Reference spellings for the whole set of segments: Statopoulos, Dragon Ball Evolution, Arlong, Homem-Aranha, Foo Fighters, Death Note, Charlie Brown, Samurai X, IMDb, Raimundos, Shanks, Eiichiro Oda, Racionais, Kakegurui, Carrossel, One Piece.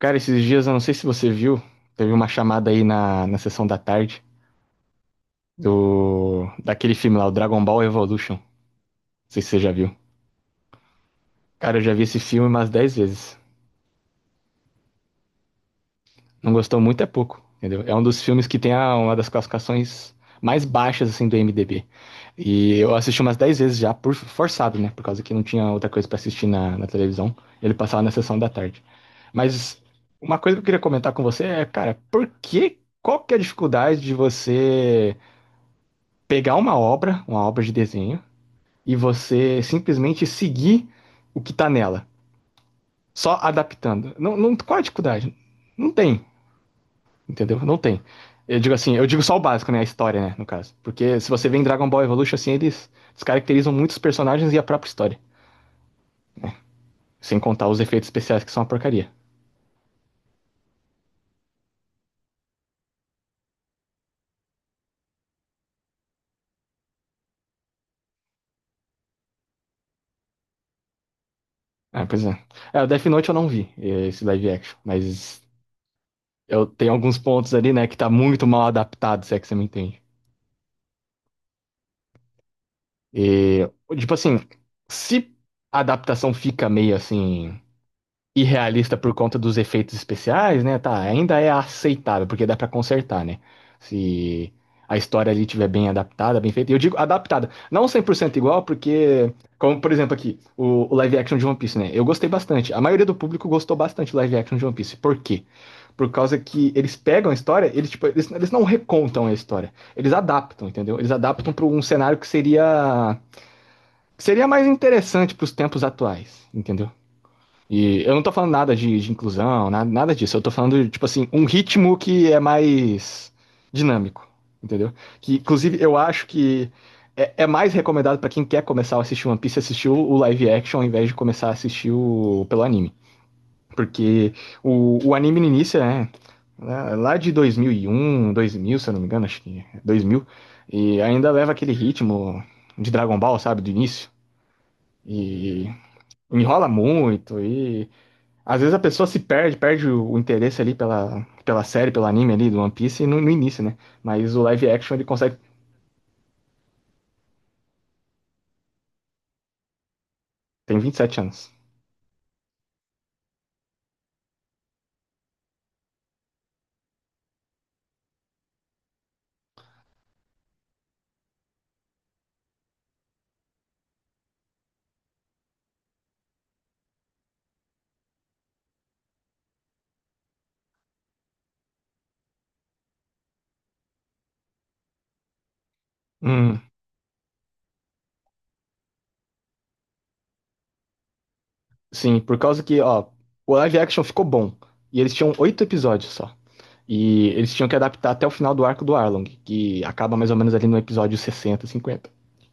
Cara, esses dias, eu não sei se você viu, teve uma chamada aí na sessão da tarde do daquele filme lá, o Dragon Ball Evolution. Não sei se você já viu. Cara, eu já vi esse filme umas 10 vezes. Não gostou muito é pouco, entendeu? É um dos filmes que tem uma das classificações mais baixas, assim, do IMDb. E eu assisti umas 10 vezes já, por forçado, né? Por causa que não tinha outra coisa pra assistir na televisão. Ele passava na sessão da tarde. Mas uma coisa que eu queria comentar com você é, cara, por que... Qual que é a dificuldade de você pegar uma obra de desenho, e você simplesmente seguir o que tá nela, só adaptando. Não, não, qual é a dificuldade? Não tem, entendeu? Não tem. Eu digo assim, eu digo só o básico, né? A história, né? No caso. Porque se você vê em Dragon Ball Evolution, assim, eles descaracterizam muitos personagens e a própria história. Sem contar os efeitos especiais que são uma porcaria. Ah, pois é. É, o Death Note eu não vi, esse live action. Mas eu tenho alguns pontos ali, né, que tá muito mal adaptado, se é que você me entende. E, tipo assim, se a adaptação fica meio assim irrealista por conta dos efeitos especiais, né? Tá, ainda é aceitável, porque dá pra consertar, né? Se a história ali tiver bem adaptada, bem feita. E eu digo adaptada, não 100% igual, porque como por exemplo aqui, o live action de One Piece, né? Eu gostei bastante. A maioria do público gostou bastante do live action de One Piece. Por quê? Por causa que eles pegam a história, eles, tipo, eles não recontam a história, eles adaptam, entendeu? Eles adaptam para um cenário que seria mais interessante para os tempos atuais, entendeu? E eu não tô falando nada de inclusão, nada, nada disso. Eu tô falando, de, tipo assim, um ritmo que é mais dinâmico, entendeu? Que, inclusive, eu acho que é mais recomendado para quem quer começar a assistir One Piece assistir o live action ao invés de começar a assistir pelo anime. Porque o anime no início é né, lá de 2001, 2000, se eu não me engano, acho que é 2000, e ainda leva aquele ritmo de Dragon Ball, sabe, do início. E enrola muito e às vezes a pessoa se perde, perde o interesse ali pela série, pelo anime ali do One Piece no início, né? Mas o live action ele consegue. Tem 27 anos. Hum, sim, por causa que, ó, o live action ficou bom. E eles tinham 8 episódios só. E eles tinham que adaptar até o final do arco do Arlong, que acaba mais ou menos ali no episódio 60, 50.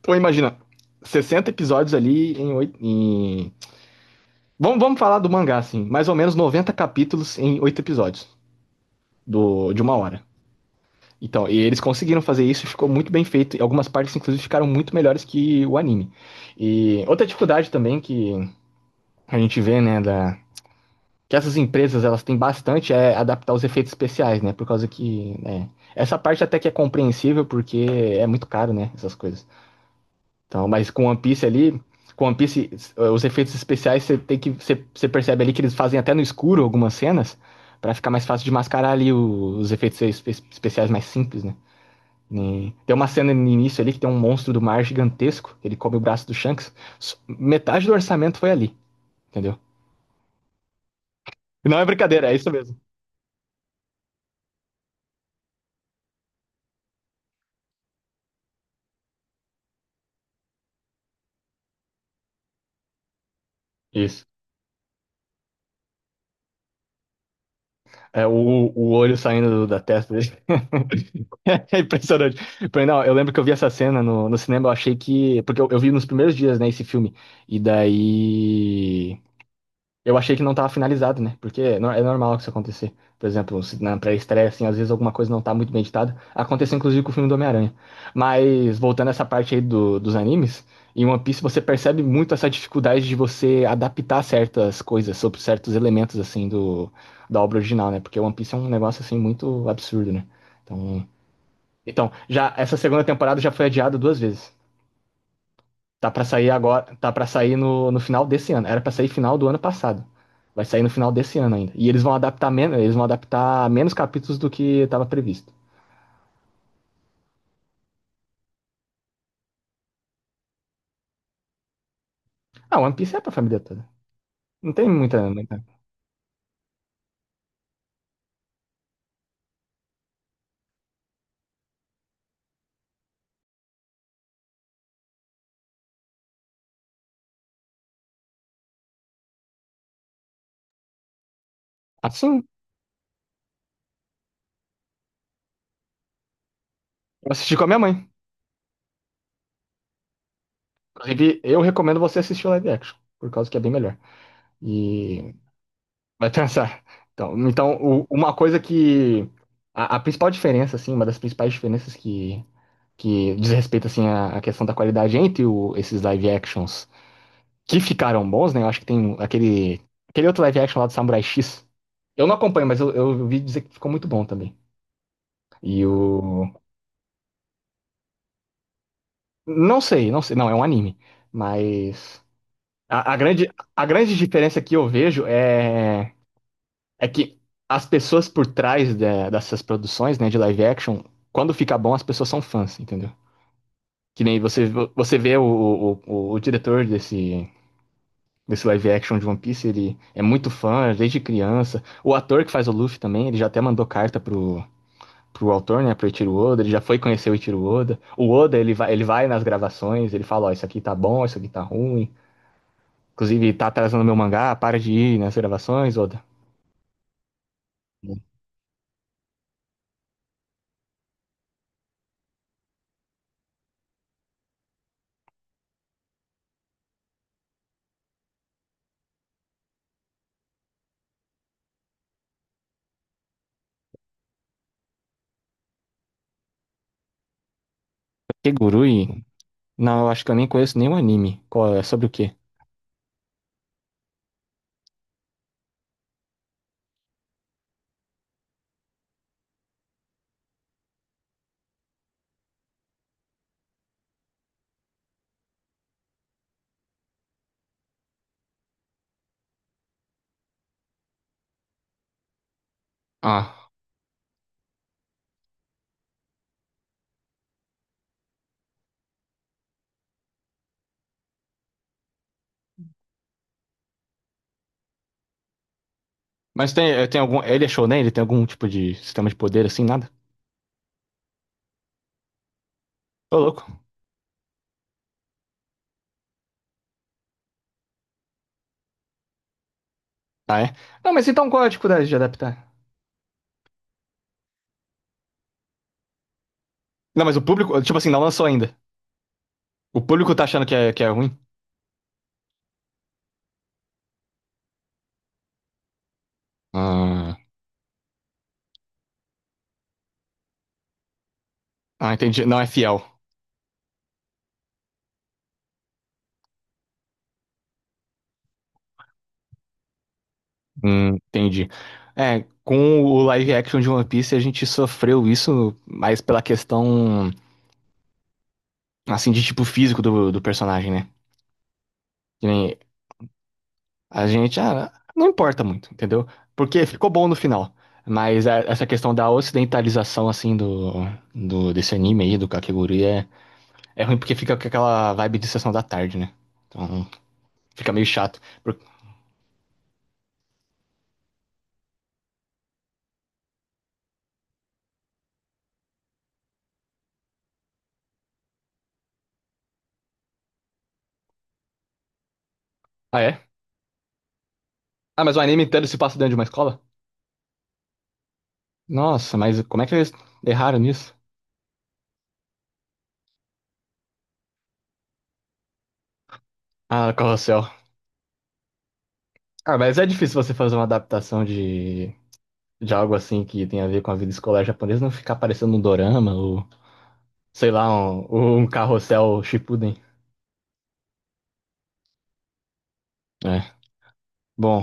Então imagina, 60 episódios ali em 8. Em... Vamos falar do mangá, assim. Mais ou menos 90 capítulos em 8 episódios de uma hora. Então, e eles conseguiram fazer isso, e ficou muito bem feito. E algumas partes, inclusive, ficaram muito melhores que o anime. E outra dificuldade também que a gente vê, né, que essas empresas elas têm bastante é adaptar os efeitos especiais, né? Por causa que, né, essa parte até que é compreensível porque é muito caro, né, essas coisas. Então, mas com One Piece ali, com One Piece, os efeitos especiais você tem que você percebe ali que eles fazem até no escuro algumas cenas para ficar mais fácil de mascarar ali os efeitos especiais mais simples, né? E tem uma cena no início ali que tem um monstro do mar gigantesco, ele come o braço do Shanks. Metade do orçamento foi ali, entendeu? E não é brincadeira, é isso mesmo. Isso. É o olho saindo da testa dele. É impressionante. Porém, não, eu lembro que eu vi essa cena no cinema, eu achei que. Porque eu vi nos primeiros dias, né, esse filme. E daí. Eu achei que não tava finalizado, né? Porque é normal que isso acontecer. Por exemplo, se na pré-estreia, assim, às vezes alguma coisa não tá muito bem editada. Aconteceu inclusive com o filme do Homem-Aranha. Mas voltando a essa parte aí dos animes, em One Piece você percebe muito essa dificuldade de você adaptar certas coisas sobre certos elementos, assim, da obra original, né? Porque One Piece é um negócio, assim, muito absurdo, né? Então, então, já essa segunda temporada já foi adiada duas vezes. Tá pra sair agora, tá pra sair no final desse ano. Era pra sair final do ano passado. Vai sair no final desse ano ainda. E eles vão adaptar menos, eles vão adaptar menos capítulos do que estava previsto. Ah, One Piece é pra família toda. Não tem muita, muita... Assim, eu assisti com a minha mãe. Inclusive, eu recomendo você assistir o live action, por causa que é bem melhor. E vai pensar. Então, uma coisa que a principal diferença, assim, uma das principais diferenças que diz respeito assim, à questão da qualidade entre esses live actions que ficaram bons, né? Eu acho que tem aquele, aquele outro live action lá do Samurai X. Eu não acompanho, mas eu ouvi dizer que ficou muito bom também. E o. Não sei, não sei. Não, é um anime. Mas. A grande, a grande diferença que eu vejo é que as pessoas por trás dessas produções, né, de live action, quando fica bom, as pessoas são fãs, entendeu? Que nem você vê o diretor desse, live action de One Piece, ele é muito fã é desde criança. O ator que faz o Luffy também, ele já até mandou carta pro autor, né, pro Eiichiro Oda, ele já foi conhecer o Eiichiro Oda. O Oda, ele vai nas gravações, ele fala, ó, isso aqui tá bom, isso aqui tá ruim. Inclusive, tá atrasando meu mangá, para de ir nas gravações, Oda. Kegurui? Não, eu acho que eu nem conheço nenhum anime. Qual é? Sobre o quê? Ah, mas tem, tem algum... Ele é shonen? Ele tem algum tipo de sistema de poder assim? Nada? Ô, louco. Ah, é? Não, mas então qual é a dificuldade de adaptar? Não, mas o público, tipo assim, não lançou ainda. O público tá achando que é ruim? Ah, ah, entendi. Não é fiel. Entendi. É, com o live action de One Piece a gente sofreu isso mais pela questão, assim, de tipo físico do personagem, né? Que nem a gente, ah, não importa muito, entendeu? Porque ficou bom no final. Mas essa questão da ocidentalização, assim, do desse anime aí, do Kakegurui, é ruim porque fica com aquela vibe de sessão da tarde, né? Então fica meio chato. Ah, é? Ah, mas o anime inteiro se passa dentro de uma escola? Nossa, mas como é que eles erraram nisso? Ah, Carrossel. Ah, mas é difícil você fazer uma adaptação de algo assim que tem a ver com a vida escolar japonesa, não ficar parecendo um dorama ou, sei lá, um Carrossel Shippuden. É. Bom,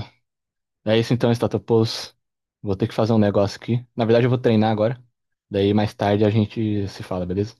é isso então, Statopoulos. Vou ter que fazer um negócio aqui. Na verdade, eu vou treinar agora. Daí mais tarde a gente se fala, beleza?